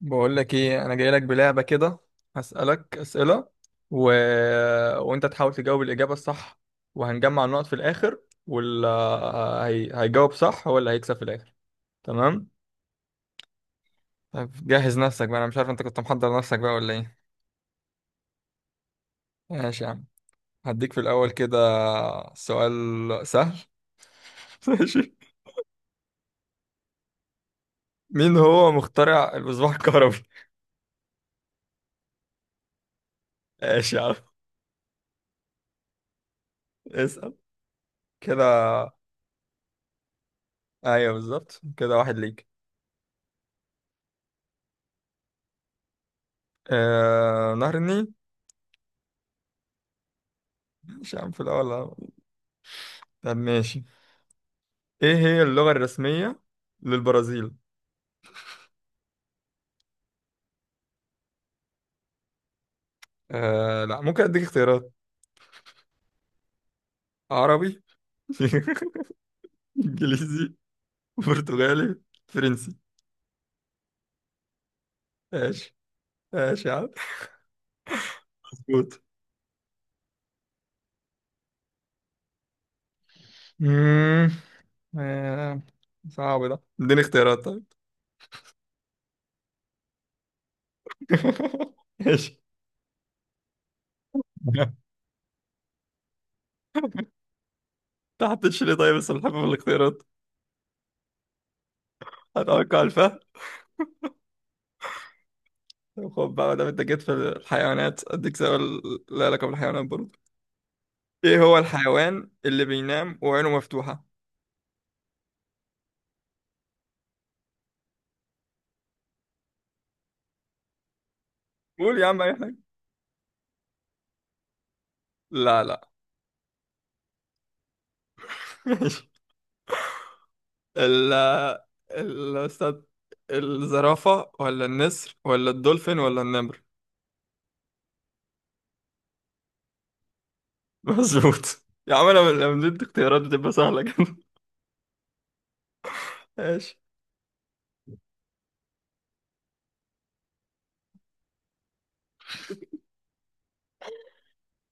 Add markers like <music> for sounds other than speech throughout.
بقول لك ايه، انا جاي لك بلعبه كده. هسالك اسئله و... وانت تحاول تجاوب الاجابه الصح. وهنجمع النقط في الاخر. واللي هيجاوب صح هو اللي هيكسب في الاخر، تمام؟ طب جهز نفسك بقى، انا مش عارف انت كنت محضر نفسك بقى ولا ايه. ماشي يا عم. هديك في الاول كده سؤال سهل. <laughs> ماشي. مين هو مخترع المصباح الكهربي؟ <laughs> ماشي يا عم، اسال كده. ايوه بالظبط كده، واحد ليك. نهر النيل. مش يا عم في الأول. طب ماشي، ايه هي اللغة الرسمية للبرازيل؟ آه لا، ممكن اديك اختيارات. عربي <laughs> انجليزي، برتغالي، فرنسي. ماشي. ماشي يا عم، مظبوط. مم، آه، صعب ده، اديني اختيارات طيب. <laughs> ماشي. تحت ليه طيب السلحفاة في الاختيارات، هتوقع الفهد. طب خد بقى، ده انت جيت في الحيوانات اديك سؤال لا علاقة بالحيوانات برضه. ايه هو الحيوان اللي بينام وعينه مفتوحة؟ قول يا عم اي حاجة. لا لا. ماشي، ال ال استاذ الزرافة ولا النسر ولا الدولفين ولا النمر؟ مظبوط يا عم، انا لما بدي اختيارات بتبقى سهلة كده. ماشي.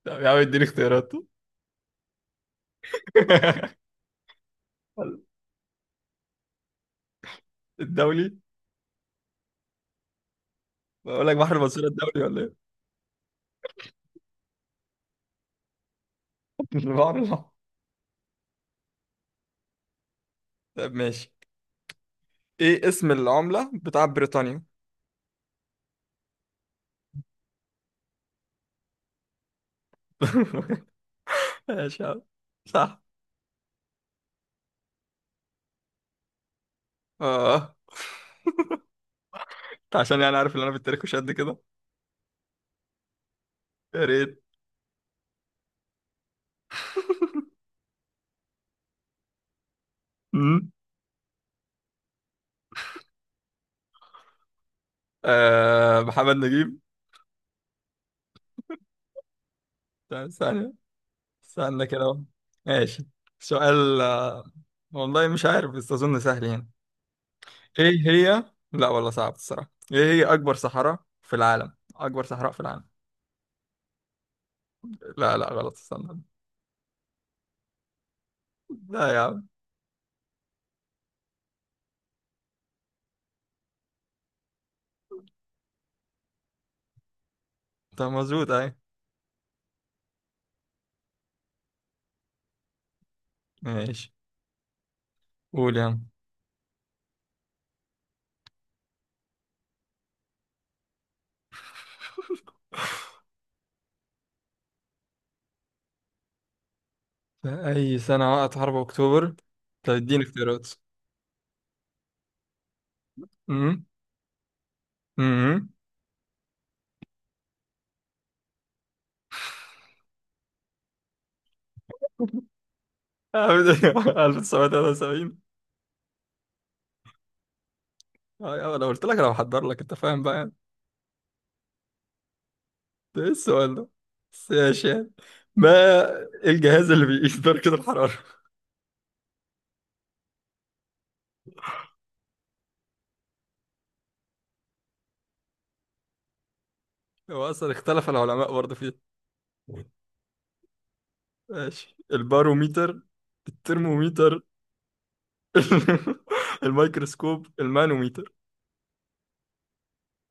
طب يا عم اديني اختيارات. الدولي. بقول لك بحر المنصورة الدولي ولا ايه؟ البحر الأحمر. طب ماشي، ايه اسم العملة بتاع بريطانيا؟ <laughs> ماشي يا عم، صح. اه، أنت عشان يعني عارف ان انا في التاريخ مش قد كده. يا ريت. أمم. آه محمد نجيب. ثانية، استنى كده اهو. ماشي. سؤال. والله مش عارف بس اظن سهل يعني. ايه هي لا والله صعب الصراحة، ايه هي اكبر صحراء في العالم، اكبر صحراء في العالم؟ لا لا غلط، استنى. لا يا عم. طب مظبوط اهي. ماشي. قول يا عم. في اي سنة وقعت حرب اكتوبر؟ طب اديني اختيارات. امم. امم. <laughs> 1973. اه يا عم، انا قلت لك انا بحضر لك، انت فاهم بقى. ده ايه السؤال ده؟ بس ماشي يعني. ما الجهاز اللي بيقيس درجة الحرارة؟ هو أصلا اختلف العلماء برضه فيه. ماشي، الباروميتر، الترموميتر، <laughs> الميكروسكوب، المانوميتر.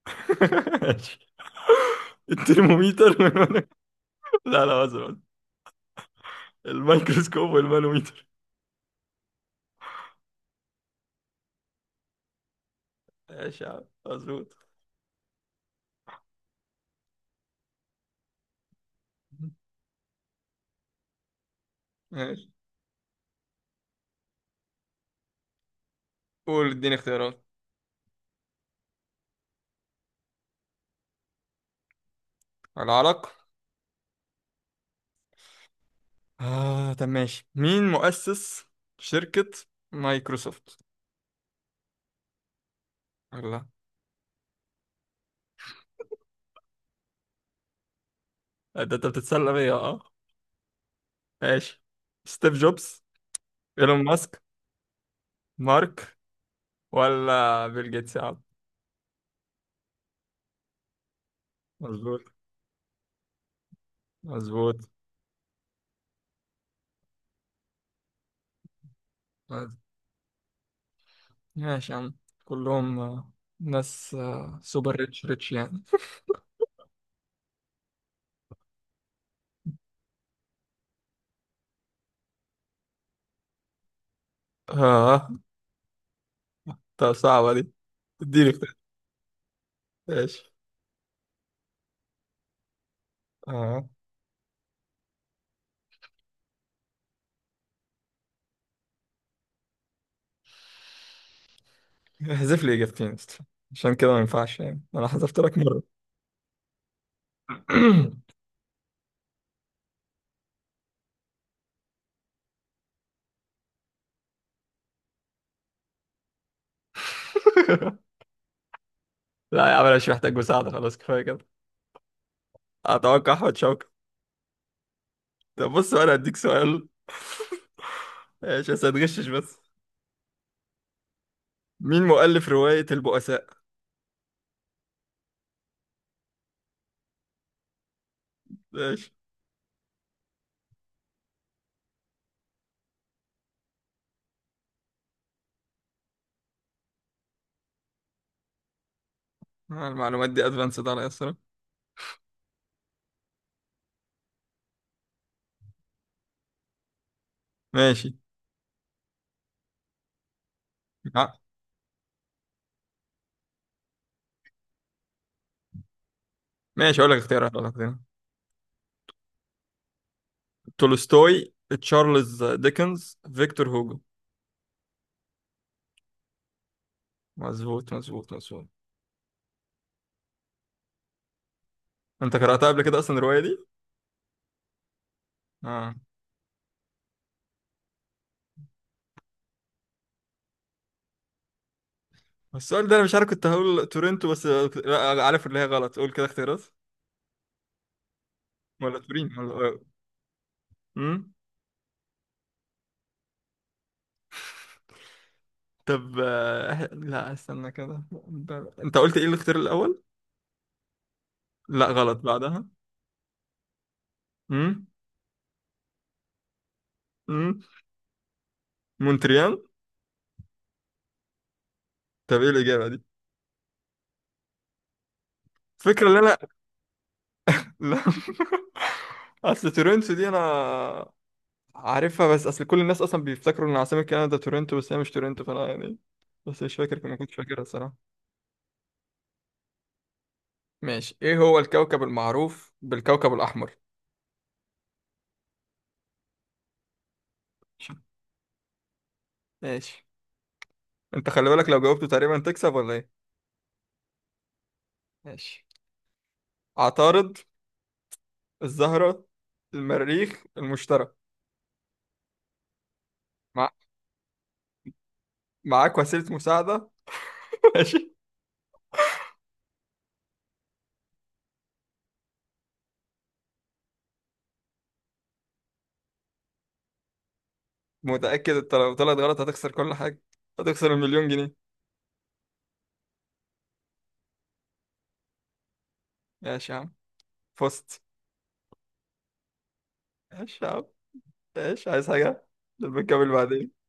<laughs> ماشي. الترموميتر والمانو- لا لا، أزرق الميكروسكوب والمانوميتر. ماشي يا عم، مظبوط. ماشي. قول اديني اختيارات. العرق. آه طب ماشي، مين مؤسس شركة مايكروسوفت؟ الله. ده انت بتتسلى بيا، اه؟ ماشي، ستيف جوبز، ايلون ماسك، مارك، ولا بيل جيتس يا عم. مظبوط مظبوط مظبوط. ماشي يا عم، كلهم ناس سوبر ريتش ريتش يعني. اه، طب صعبة دي، اديني اختيار. ماشي. اه، احذف لي اجابتين أصلاً. عشان كده ما ينفعش يعني، انا حذفت لك مرة. <coughs> <laughs> لا يا عم، انا مش محتاج مساعدة، خلاص كفاية كده. اتوقع احمد شوقي. طب بص، انا هديك سؤال. <laughs> ماشي بس هتغشش بس. مين مؤلف رواية البؤساء؟ ماشي. المعلومات دي ادفانسد على الصراحة. ماشي. آه، ماشي، اقول لك اختيارات، اقول لك اختيارات. تولستوي، تشارلز ديكنز، فيكتور هوجو. مظبوط مظبوط مظبوط. انت قرأتها قبل كده اصلا الرواية دي؟ اه. بس السؤال ده انا مش عارف، كنت هقول تورنتو بس لا عارف اللي هي غلط، قول كده اختيارات. ولا تورين ولا امم. طب لا استنى كده. انت قلت ايه الاختيار الاول؟ لا غلط بعدها. امم. امم. مونتريال. طب ايه الاجابة دي؟ الفكرة اللي انا. لا. <laughs> اصل تورنتو دي انا عارفها، بس اصل كل الناس اصلا بيفتكروا ان عاصمة كندا تورنتو، بس هي مش تورنتو فانا يعني. بس مش فاكر، ما كنتش فاكرها الصراحة. ماشي، ايه هو الكوكب المعروف بالكوكب الاحمر؟ ماشي. انت خلي بالك، لو جاوبته تقريبا تكسب ولا ايه. ماشي. عطارد، الزهرة، المريخ، المشتري. مع... معاك وسيلة مساعدة. <laughs> ماشي. متأكد انت؟ لو طلعت غلط هتخسر كل حاجة، هتخسر المليون جنيه. ماشي يا عم، فزت. ماشي يا عم. ماشي، عايز حاجة لما نكمل بعدين.